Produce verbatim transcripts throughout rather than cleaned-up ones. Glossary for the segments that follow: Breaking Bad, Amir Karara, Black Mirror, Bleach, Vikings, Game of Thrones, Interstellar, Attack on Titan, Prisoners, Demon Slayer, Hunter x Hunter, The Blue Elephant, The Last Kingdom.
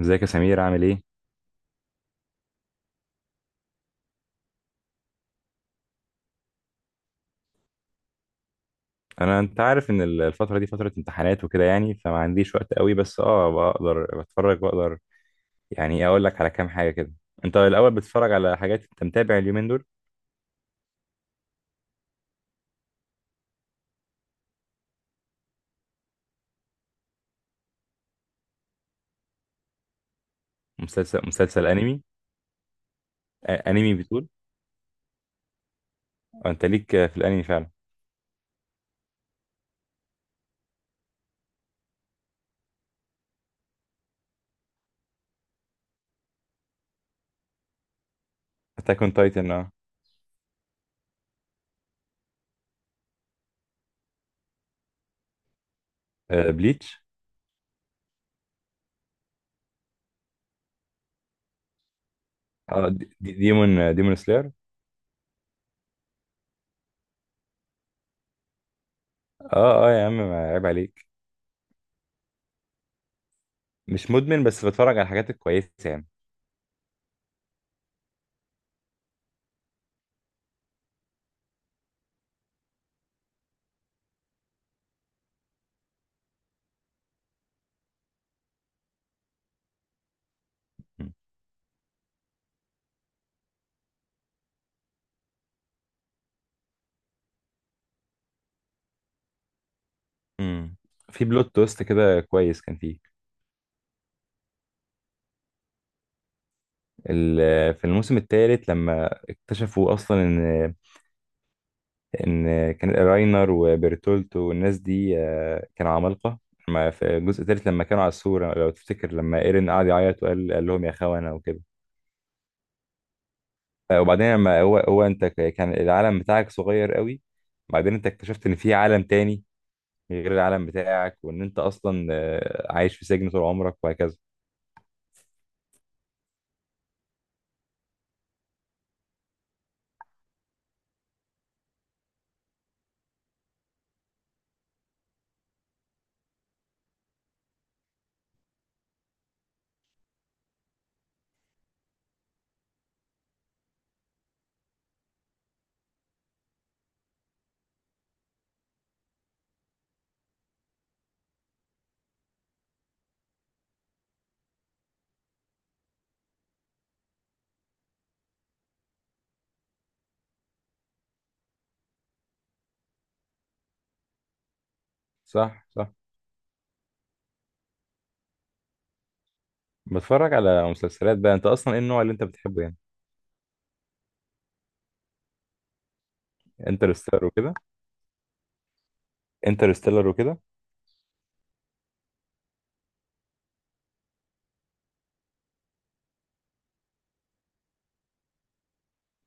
ازيك يا سمير؟ عامل ايه؟ انا انت عارف ان ال- الفتره دي فتره امتحانات وكده يعني، فما عنديش وقت قوي، بس اه بقدر بتفرج بقدر. يعني إيه، اقول لك على كام حاجه كده. انت الاول بتتفرج على حاجات؟ انت متابع اليومين دول؟ مسلسل مسلسل انمي؟ آه، انمي بتقول. آه، انت ليك، آه، في الانمي فعلا. اتاك اون تايتن، اه. آه، بليتش. اه، دي- دي- ديمون، آه، ديمون سلاير. اه اه يا عم، ما عيب عليك. مش مدمن، بس بتفرج على الحاجات الكويسه يعني. م- م. في بلوت تويست كده كويس كان فيه. ال- في الموسم الثالث لما اكتشفوا اصلا ان ان كان راينر وبرتولتو والناس دي، آه، كانوا عمالقه. لما في الجزء الثالث، لما كانوا على السور، لو تفتكر لما ايرين قعد يعيط وقال قال لهم يا خونه وكده. آه، وبعدين لما هو هو انت ك- كان العالم بتاعك صغير قوي. بعدين انت اكتشفت ان في عالم تاني غير العالم بتاعك، وان انت اصلا، آه، عايش في سجن طول عمرك وهكذا. صح صح. بتفرج على مسلسلات بقى. انت اصلا ايه النوع اللي انت بتحبه يعني؟ انترستيلر وكده. انترستيلر وكده.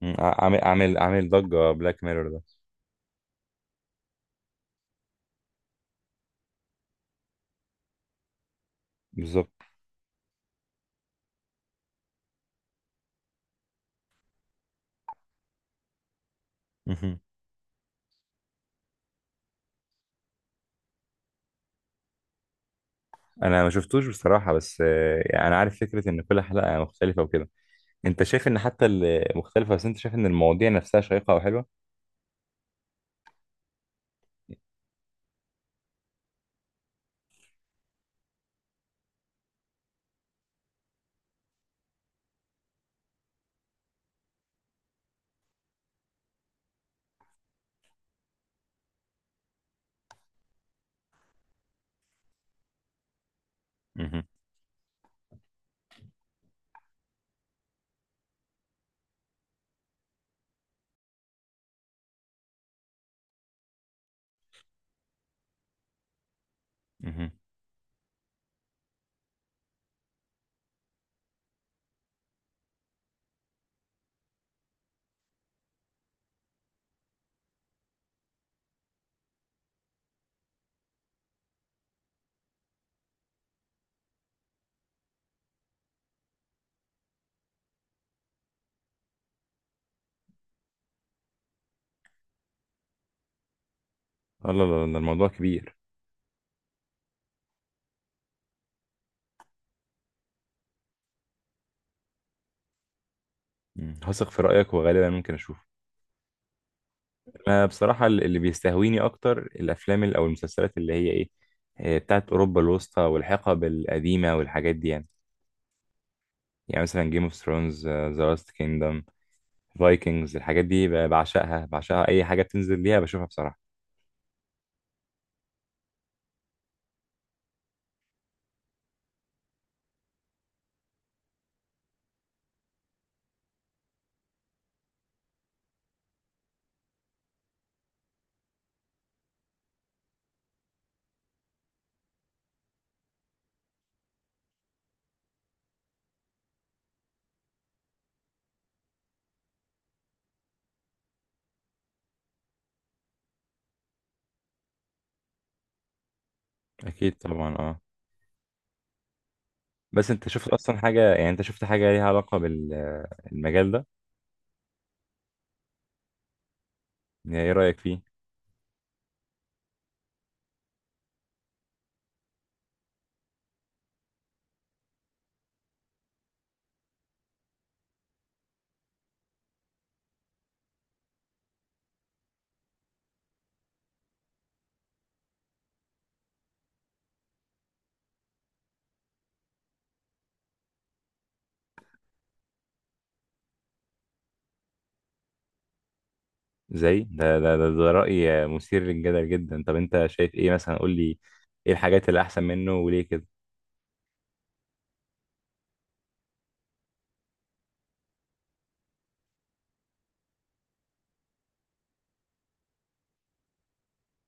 مم. عامل عامل عامل ضجة بلاك ميرور ده. بالظبط. مهم. انا ما شفتوش بصراحة، بس آه، يعني انا عارف فكرة ان كل حلقة مختلفة وكده. انت شايف ان حتى المختلفة، بس انت شايف ان المواضيع نفسها شيقة او حلوة؟ مهم. مهم. لا لا لا، ده الموضوع كبير. مم. هثق في رأيك، وغالبا ممكن اشوفه. انا بصراحة اللي بيستهويني اكتر الافلام ال- او المسلسلات اللي هي ايه، آه، بتاعت اوروبا الوسطى والحقب القديمة والحاجات دي يعني. يعني مثلا جيم اوف ثرونز، ذا لاست كينجدم، فايكنجز، الحاجات دي ب- بعشقها بعشقها، اي حاجه بتنزل ليها بشوفها بصراحه. اكيد طبعا، اه. بس انت شفت اصلا حاجه، يعني انت شفت حاجه ليها علاقه بالمجال ده؟ يعني ايه رايك فيه؟ زي ده ده ده, ده، راي مثير للجدل جدا. طب انت شايف ايه مثلا؟ قول لي، ايه الحاجات اللي احسن منه وليه كده؟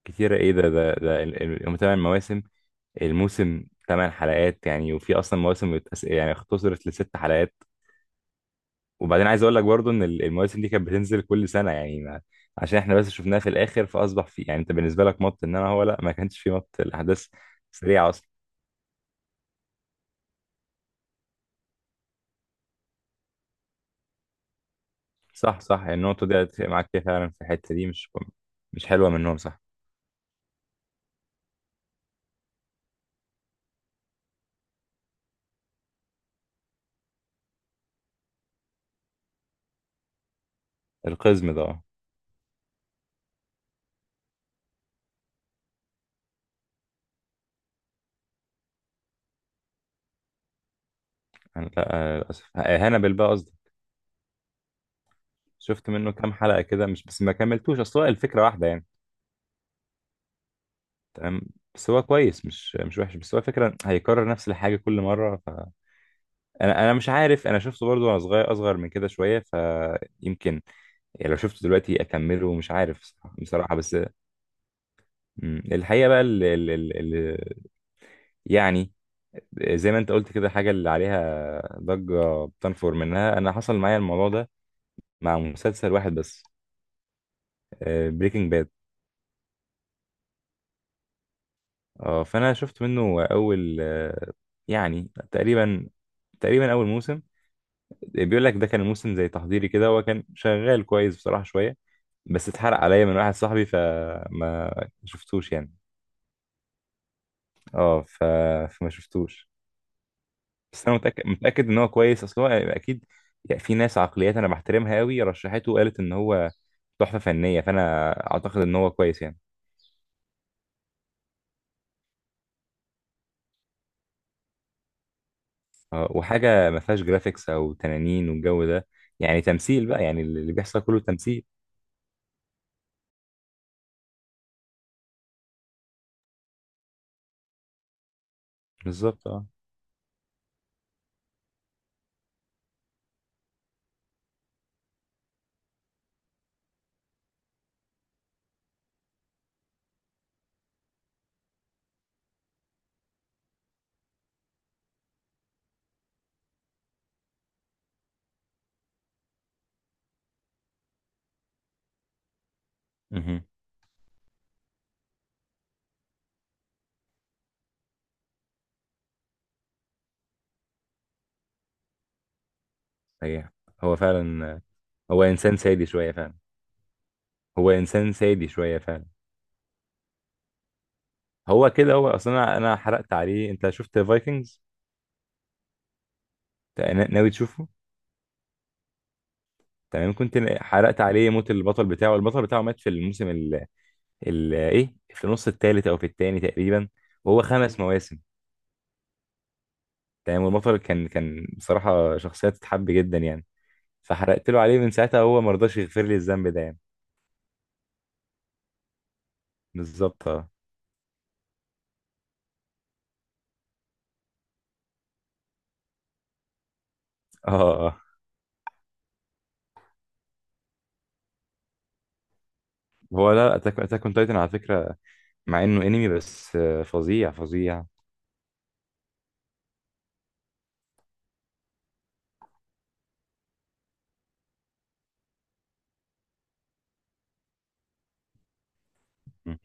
كتير ايه؟ ده ده ده ال- ال- هم تمن مواسم، الموسم ثمان حلقات يعني، وفي اصلا مواسم بتقس- يعني اختصرت لست حلقات. وبعدين عايز اقول لك برضو ان ال- المواسم دي كانت بتنزل كل سنه يعني، ما عشان احنا بس شفناها في الاخر، فاصبح في، يعني انت بالنسبه لك مط. ان انا هو، لا، ما كانش في مط الاحداث. سريعه اصلا. صح صح، يعني النقطه دي اتفق معاك فيها فعلا، في الحته دي مش... مش حلوه منهم، صح. القزم ده، اه. أنا- لا، آه، للاسف، آه، هانبل بقى قصدي. شفت منه كام حلقه كده مش بس، ما كملتوش، اصل هو الفكره واحده يعني. تمام. بس هو كويس، مش مش وحش، بس هو فكرة هيكرر نفس الحاجة كل مرة، فأنا أنا مش عارف. أنا شفته برضو وأنا صغير، أصغر من كده شوية، فيمكن، يعني لو شفته دلوقتي اكمله مش عارف صراحة- بصراحه بس. مم. الحقيقه بقى، ال ال ال ال يعني، زي ما انت قلت كده، حاجه اللي عليها ضجه بتنفر منها. انا حصل معايا الموضوع ده مع مسلسل واحد بس: بريكنج باد. اه، فانا شفت منه اول، آه، يعني تقريبا، تقريبا اول موسم. بيقول لك ده كان موسم زي تحضيري كده. هو كان شغال كويس بصراحه شويه، بس اتحرق عليا من واحد صاحبي فما شفتوش يعني. اه ف... فما شفتوش. بس انا متاكد متاكد ان هو كويس. اصل هو اكيد، يعني في ناس عقليات انا بحترمها قوي رشحته وقالت ان هو تحفه فنيه، فانا اعتقد ان هو كويس يعني. آه، وحاجه ما فيهاش جرافيكس او تنانين والجو ده، يعني تمثيل بقى، يعني اللي بيحصل كله تمثيل. بالظبط، اه. مهم. صحيح، هو فعلا. هو انسان سادي شويه فعلا. هو انسان سادي شويه فعلا. هو كده، هو اصلا انا أنا حرقت عليه. انت شفت فايكنجز؟ ناوي تشوفه؟ تمام. كنت حرقت عليه موت البطل بتاعه. البطل بتاعه مات في الموسم ال- ايه، في النص الثالث او في الثاني تقريبا. وهو خمس مواسم. تمام. والبطل كان كان بصراحه شخصيه تتحب جدا يعني. فحرقت له عليه، من ساعتها هو ما رضاش يغفر لي الذنب ده يعني. بالظبط، اه. اه اه آه. هو لا، اتاك اتاك اون تايتن على فكره، مع انه انمي، بس آه، فظيع فظيع. مم.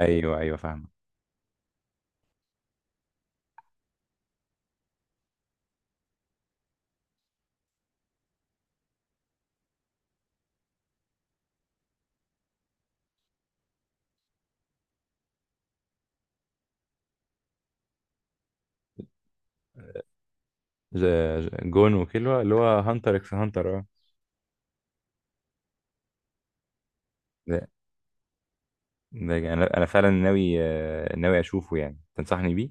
ايوه ايوه فاهم. ج- ج- جون وكيلوا اللي هو هانتر اكس هانتر، اه. ده ده انا انا فعلا ناوي آه، ناوي اشوفه يعني، تنصحني بيه؟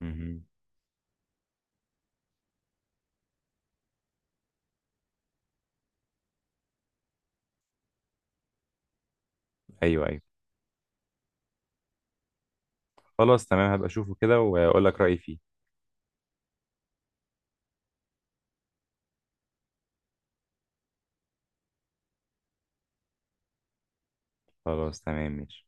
مهم. ايوه، أيوه. خلاص تمام، هبقى اشوفه كده واقول لك رأيي فيه. خلاص تمام ماشي.